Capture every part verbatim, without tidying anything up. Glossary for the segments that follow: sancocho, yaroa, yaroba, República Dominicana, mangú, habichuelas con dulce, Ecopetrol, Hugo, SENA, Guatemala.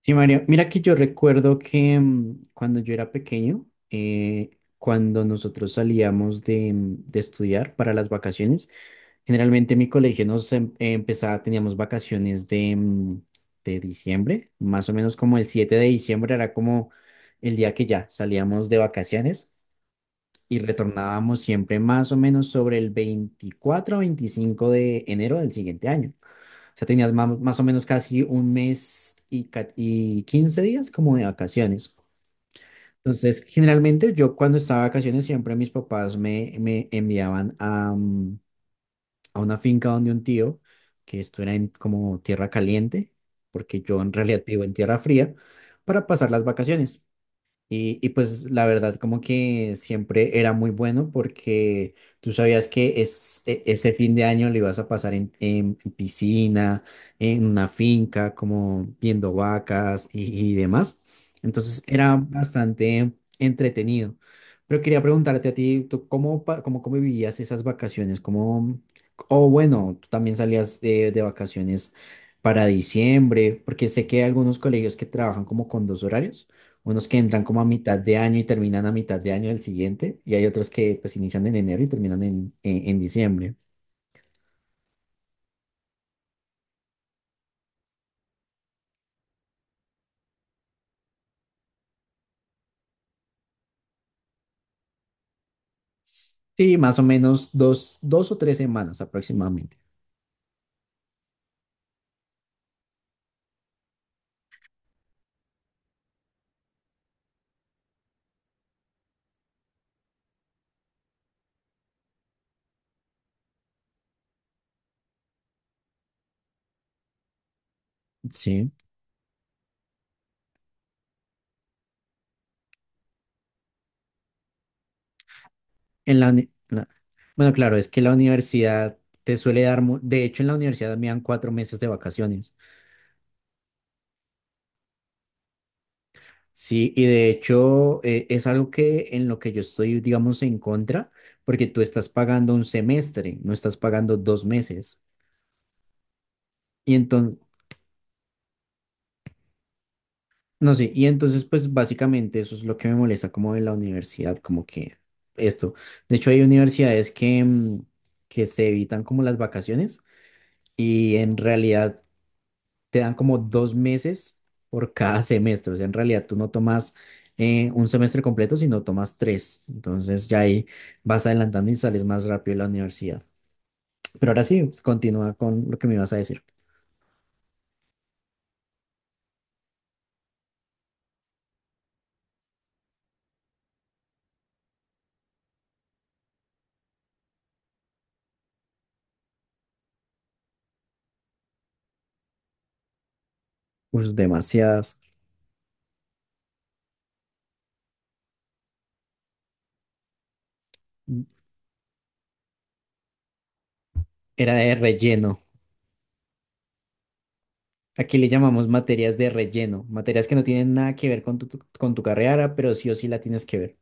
Sí, María, mira que yo recuerdo que mm, cuando yo era pequeño, eh, cuando nosotros salíamos de, mm, de estudiar para las vacaciones. Generalmente en mi colegio nos em- empezaba, teníamos vacaciones de, mm, de diciembre, más o menos como el siete de diciembre era como el día que ya salíamos de vacaciones, y retornábamos siempre más o menos sobre el veinticuatro o veinticinco de enero del siguiente año. Sea, tenías ma- más, o menos casi un mes y, ca- y quince días como de vacaciones. Entonces, generalmente yo cuando estaba de vacaciones, siempre mis papás me, me enviaban a, mm, a una finca donde un tío, que esto era en como tierra caliente, porque yo en realidad vivo en tierra fría, para pasar las vacaciones. Y, y pues la verdad como que siempre era muy bueno, porque tú sabías que es, e- ese fin de año lo ibas a pasar en, en- en piscina, en una finca, como viendo vacas y, y demás. Entonces era bastante entretenido. Pero quería preguntarte a ti, ¿tú cómo, pa- cómo, cómo vivías esas vacaciones? ¿Cómo, o bueno, ¿tú también salías de, de vacaciones para diciembre? Porque sé que hay algunos colegios que trabajan como con dos horarios. Unos que entran como a mitad de año y terminan a mitad de año del siguiente, y hay otros que pues inician en enero y terminan en, en- en diciembre. Sí, más o menos dos, dos o tres semanas aproximadamente. Sí. En la, uni- la- Bueno, claro, es que la universidad te suele dar, mu- de hecho en la universidad me dan cuatro meses de vacaciones. Sí, y de hecho eh, es algo que en lo que yo estoy, digamos, en contra, porque tú estás pagando un semestre, no estás pagando dos meses. Y entonces, No sé, y entonces pues básicamente eso es lo que me molesta como de la universidad, como que esto. De hecho hay universidades que, mm, que se evitan como las vacaciones, y en realidad te dan como dos meses por cada semestre. O sea, en realidad tú no tomas eh, un semestre completo, sino tomas tres. Entonces ya ahí vas adelantando y sales más rápido de la universidad. Pero ahora sí, pues, continúa con lo que me ibas a decir. Pues demasiadas. Era de relleno. Aquí le llamamos materias de relleno, materias que no tienen nada que ver con tu, con tu carrera, pero sí o sí la tienes que ver.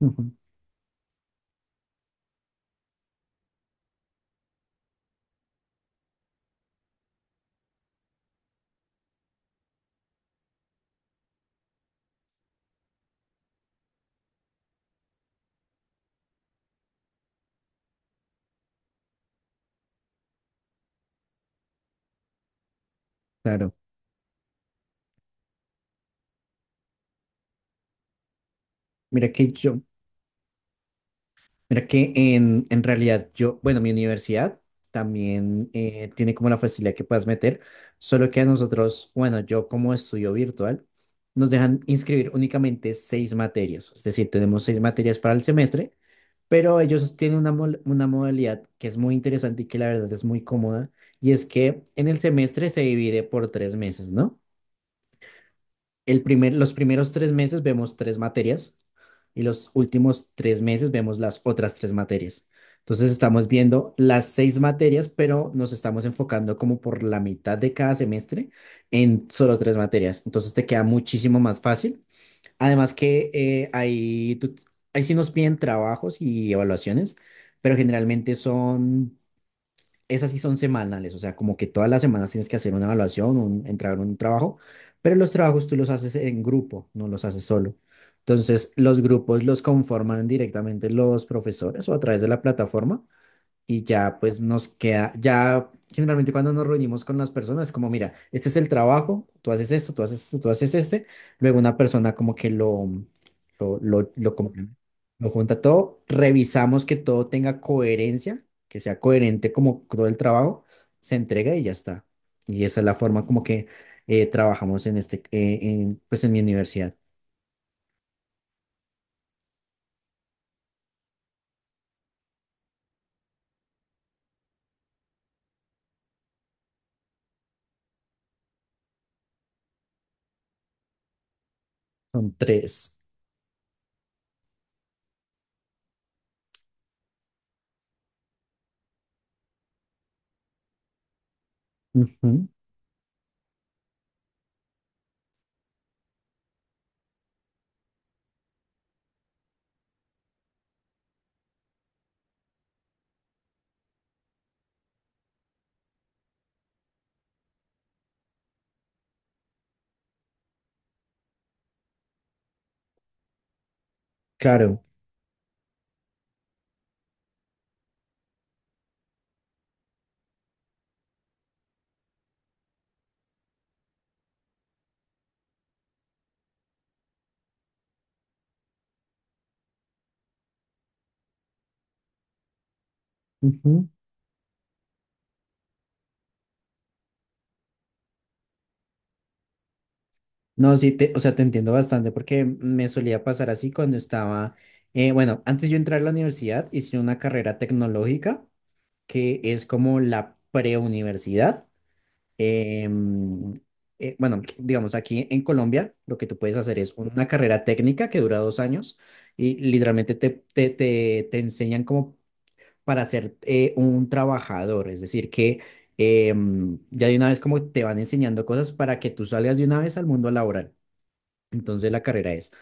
Ujú, claro. Mira que yo, mira que en, en realidad yo, bueno, mi universidad también eh, tiene como la facilidad que puedas meter, solo que a nosotros, bueno, yo como estudio virtual, nos dejan inscribir únicamente seis materias, es decir, tenemos seis materias para el semestre, pero ellos tienen una, mol- una modalidad que es muy interesante y que la verdad es muy cómoda, y es que en el semestre se divide por tres meses, ¿no? El primer, los primeros tres meses vemos tres materias, y los últimos tres meses vemos las otras tres materias. Entonces estamos viendo las seis materias, pero nos estamos enfocando como por la mitad de cada semestre en solo tres materias. Entonces te queda muchísimo más fácil. Además que eh, ahí, tú- ahí sí nos piden trabajos y evaluaciones, pero generalmente son, esas sí son semanales. O sea, como que todas las semanas tienes que hacer una evaluación, un, entrar en un trabajo, pero los trabajos tú los haces en grupo, no los haces solo. Entonces, los grupos los conforman directamente los profesores o a través de la plataforma, y ya pues nos queda, ya generalmente cuando nos reunimos con las personas, como: mira, este es el trabajo, tú haces esto, tú haces esto, tú haces este, luego una persona como que lo, lo, lo, lo, como- lo junta todo, revisamos que todo tenga coherencia, que sea coherente como todo el trabajo, se entrega y ya está. Y esa es la forma como que eh, trabajamos en este, eh, en, pues en mi universidad. Son tres. Ujú, claro. No, sí, te, o sea, te entiendo bastante, porque me solía pasar así cuando estaba, eh, bueno, antes yo entrar a la universidad hice una carrera tecnológica, que es como la preuniversidad. em, eh, bueno, digamos, aquí en Colombia lo que tú puedes hacer es una carrera técnica que dura dos años, y literalmente te, te, te, te enseñan como para ser eh, un trabajador, es decir, que em, ya de una vez como te van enseñando cosas para que tú salgas de una vez al mundo laboral. Entonces la carrera es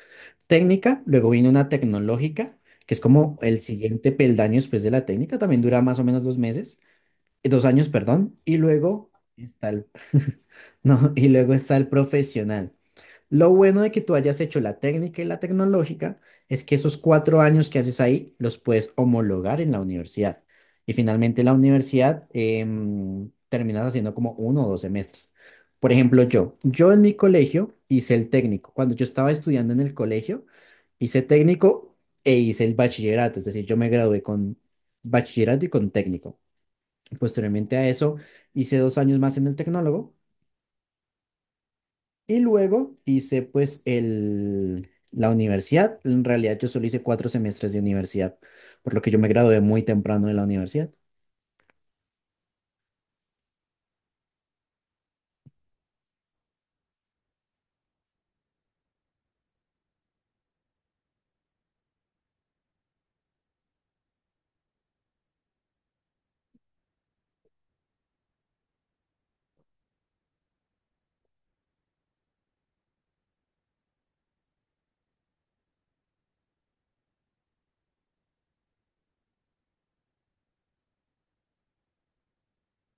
técnica, luego viene una tecnológica, que es como el siguiente peldaño después de la técnica, también dura más o menos dos meses, eh, dos años, perdón, y luego está el, no, y luego está el profesional. Lo bueno de que tú hayas hecho la técnica y la tecnológica es que esos cuatro años que haces ahí los puedes homologar en la universidad. Y finalmente la universidad em, terminas haciendo como uno o dos semestres. Por ejemplo, yo, yo en mi colegio hice el técnico. Cuando yo estaba estudiando en el colegio, hice técnico e hice el bachillerato. Es decir, yo me gradué con bachillerato y con técnico. Posteriormente a eso, hice dos años más en el tecnólogo, y luego hice pues el, la universidad. En realidad yo solo hice cuatro semestres de universidad, por lo que yo me gradué muy temprano de la universidad.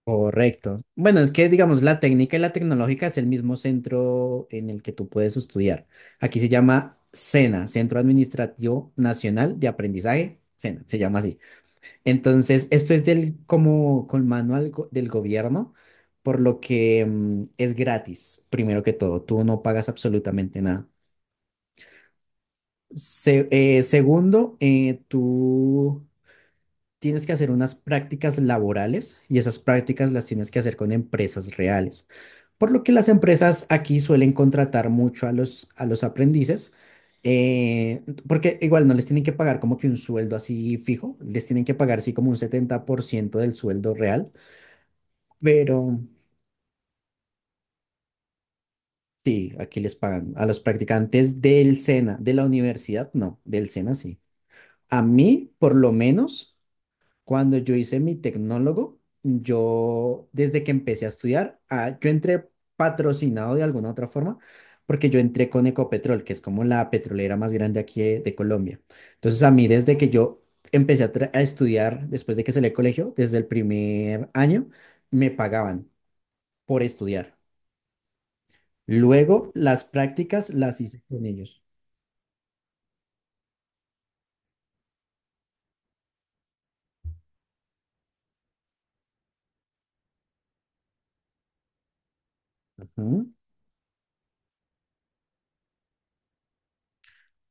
Correcto. Bueno, es que digamos la técnica y la tecnológica es el mismo centro en el que tú puedes estudiar. Aquí se llama SENA, Centro Administrativo Nacional de Aprendizaje, SENA, se llama así. Entonces, esto es del como con manual go- del gobierno, por lo que mm, es gratis, primero que todo. Tú no pagas absolutamente nada. Se- eh, segundo, eh, tú tienes que hacer unas prácticas laborales, y esas prácticas las tienes que hacer con empresas reales. Por lo que las empresas aquí suelen contratar mucho a los, a los aprendices, eh, porque igual no les tienen que pagar como que un sueldo así fijo, les tienen que pagar así como un setenta por ciento del sueldo real, pero sí, aquí les pagan a los practicantes del SENA, de la universidad, no, del SENA sí. A mí, por lo menos. Cuando yo hice mi tecnólogo, yo desde que empecé a estudiar, ah, yo entré patrocinado de alguna otra forma, porque yo entré con Ecopetrol, que es como la petrolera más grande aquí de, de Colombia. Entonces a mí, desde que yo empecé a, tra- a estudiar, después de que salí del colegio, desde el primer año, me pagaban por estudiar. Luego las prácticas las hice con ellos.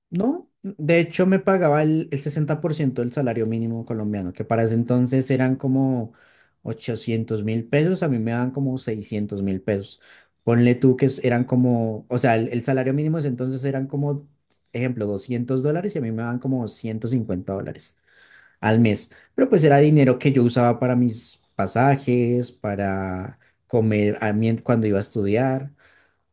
No, de hecho me pagaba el, el sesenta por ciento del salario mínimo colombiano, que para ese entonces eran como ochocientos mil pesos; a mí me daban como seiscientos mil pesos. Ponle tú que es- eran como, o sea, el, el salario mínimo de ese entonces eran como, ejemplo, doscientos dólares, y a mí me daban como ciento cincuenta dólares al mes. Pero pues era dinero que yo usaba para mis pasajes, para comer a mien- cuando iba a estudiar.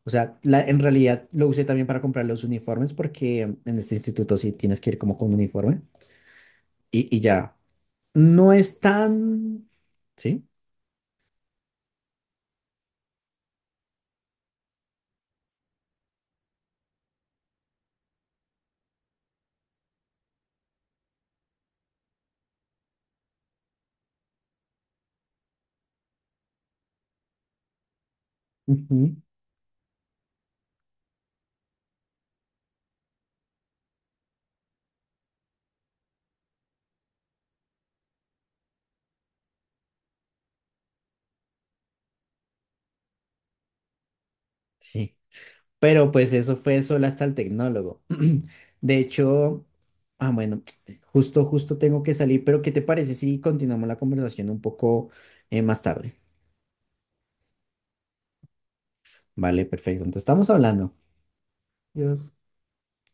O sea, la- en realidad lo usé también para comprar los uniformes, porque en este instituto sí tienes que ir como con uniforme, y, y ya. No es tan. Sí. Ujú. Sí. Pero pues eso fue solo hasta el tecnólogo. De hecho, ah, bueno, justo, justo tengo que salir, pero ¿qué te parece si continuamos la conversación un poco eh, más tarde? Vale, perfecto. Entonces estamos hablando. Dios.